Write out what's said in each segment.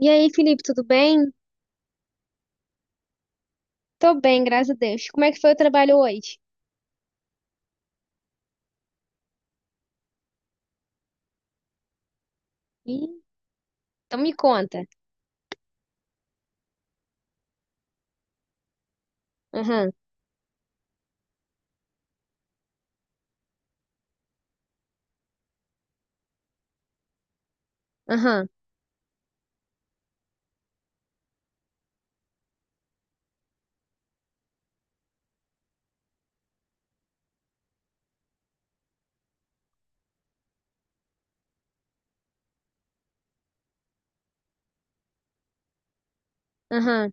E aí, Felipe, tudo bem? Tô bem, graças a Deus. Como é que foi o trabalho hoje? Ih, então me conta. Aham, aham, aham,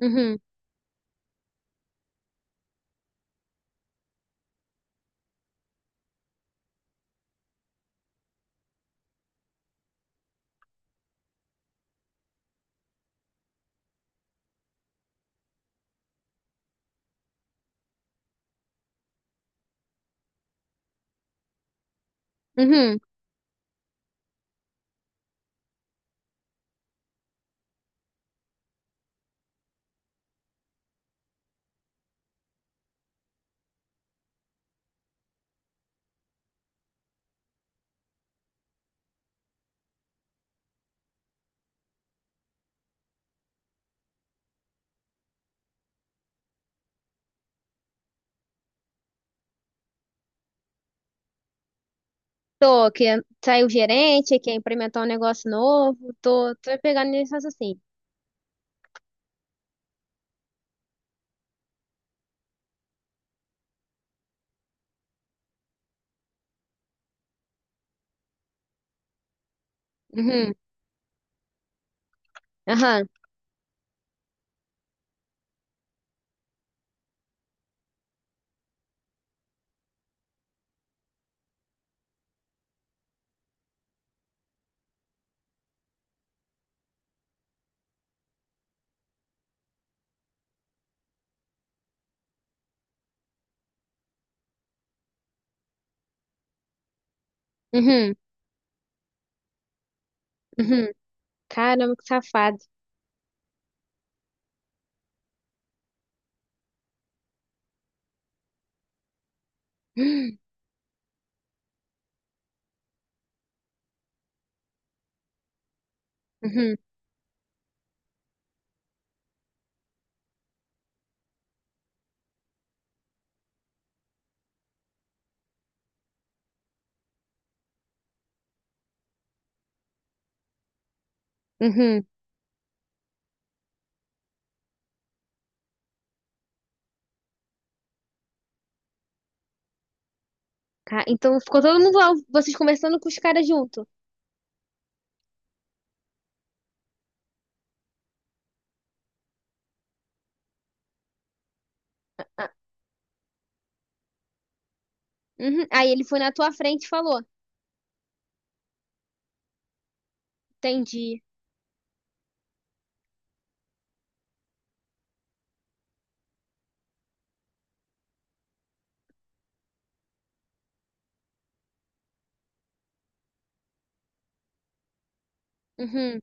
uhum, uhum. Tô, que saiu o gerente, que é implementar um negócio novo. Tô, pegando nesse assim. Uhum, aham, uhum, uhum. Caramba, que safado. Uhum, uhum. Então ficou todo mundo lá, vocês conversando com os caras junto. Ah, uhum. Aí ele foi na tua frente e falou. Entendi. Uhum,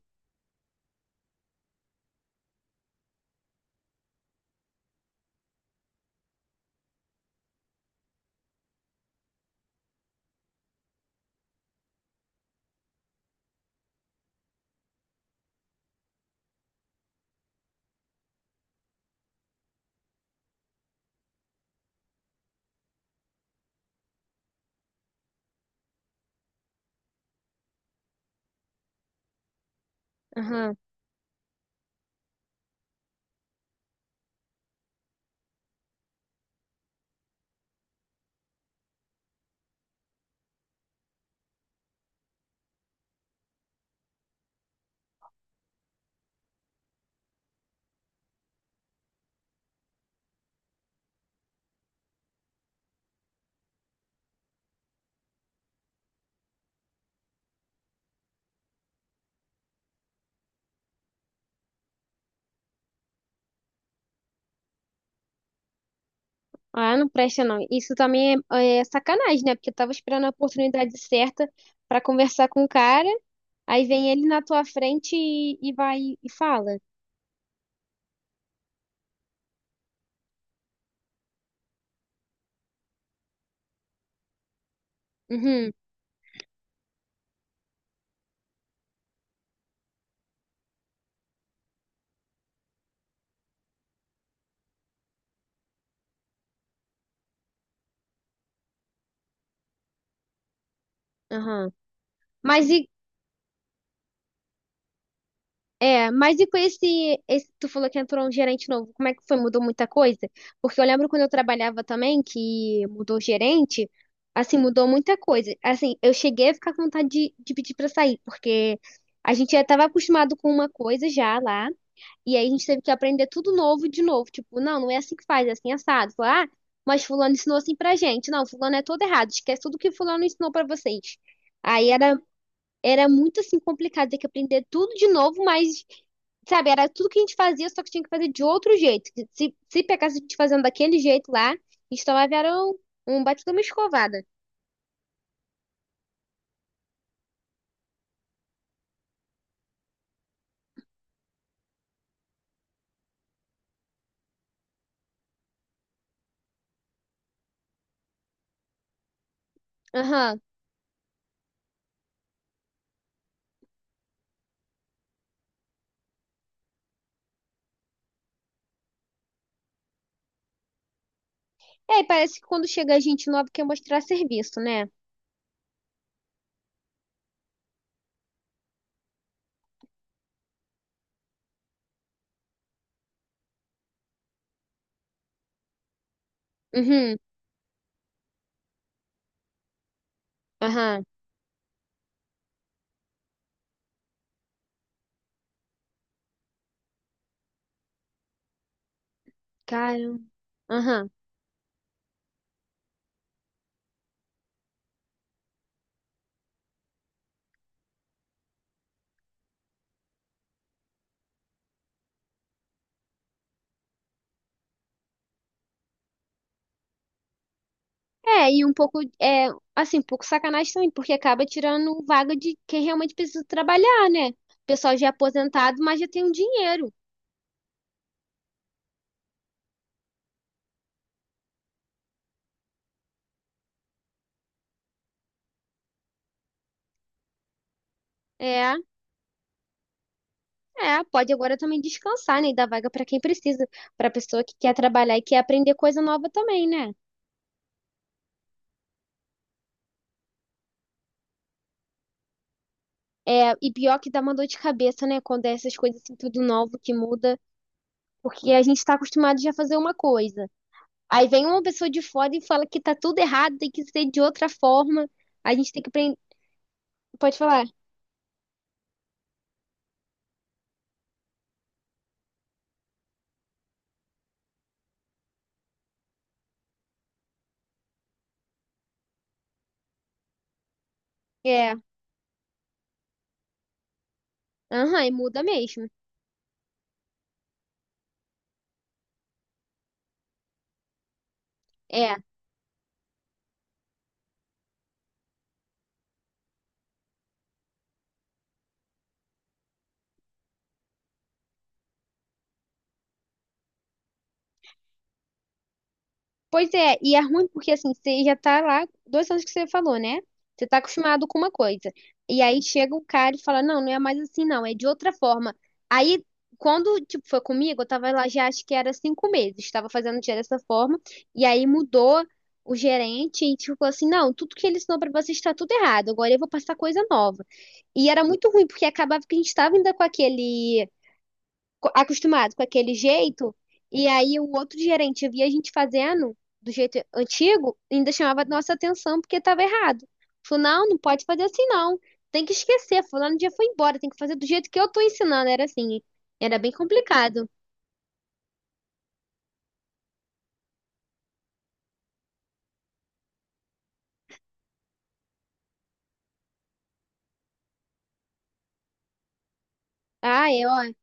aham. Ah, não presta não. Isso também é sacanagem, né? Porque eu tava esperando a oportunidade certa pra conversar com o cara, aí vem ele na tua frente e vai e fala. Uhum, aham. Mas e mas e com esse tu falou que entrou um gerente novo, como é que foi? Mudou muita coisa? Porque eu lembro quando eu trabalhava também que mudou o gerente, assim, mudou muita coisa. Assim, eu cheguei a ficar com vontade de pedir pra sair, porque a gente já estava acostumado com uma coisa já lá. E aí a gente teve que aprender tudo novo de novo. Tipo, não, não é assim que faz, é assim assado. Falar, ah, mas fulano ensinou assim pra gente. Não, fulano é todo errado. Esquece tudo que fulano ensinou pra vocês. Aí era, era muito assim complicado ter que aprender tudo de novo, mas, sabe, era tudo que a gente fazia, só que tinha que fazer de outro jeito. Se pegasse a gente fazendo daquele jeito lá, a gente tomava era um baita de uma escovada. Aham. E aí parece que quando chega a gente nova quer mostrar serviço, né? Uhum. Aham. Cara. Aham. É, e um pouco, é, assim, um pouco sacanagem também, porque acaba tirando vaga de quem realmente precisa trabalhar, né? O pessoal já é aposentado, mas já tem um dinheiro. É, é, pode agora também descansar, né? E dar vaga para quem precisa, para pessoa que quer trabalhar e quer aprender coisa nova também, né? É, e pior que dá uma dor de cabeça, né? Quando é essas coisas assim, tudo novo que muda, porque a gente está acostumado já a fazer uma coisa. Aí vem uma pessoa de fora e fala que tá tudo errado, tem que ser de outra forma. A gente tem que aprender. Pode falar. É. Aham, e muda mesmo. É. Pois é, e é ruim porque assim, você já tá lá, 2 anos que você falou, né? Você tá acostumado com uma coisa. E aí chega um cara e fala, não, não é mais assim, não, é de outra forma. Aí, quando, tipo, foi comigo, eu tava lá já acho que era 5 meses, tava fazendo já dessa forma, e aí mudou o gerente e tipo assim, não, tudo que ele ensinou pra vocês tá tudo errado, agora eu vou passar coisa nova. E era muito ruim, porque acabava que a gente tava ainda com aquele acostumado com aquele jeito, e aí o outro gerente via a gente fazendo do jeito antigo, ainda chamava a nossa atenção porque estava errado. Falou, não, não pode fazer assim não. Tem que esquecer, fulano dia foi embora, tem que fazer do jeito que eu tô ensinando. Era assim, era bem complicado. Ah, é, ó.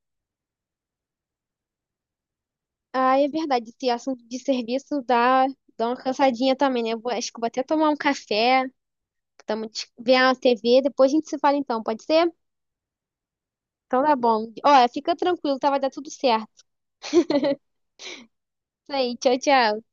Ah, é verdade, esse assunto de serviço dá, uma cansadinha também, né? Acho que eu vou até tomar um café, ver a TV, depois a gente se fala então, pode ser? Então tá bom. Ó, fica tranquilo, tá? Vai dar tudo certo. Isso aí, tchau, tchau.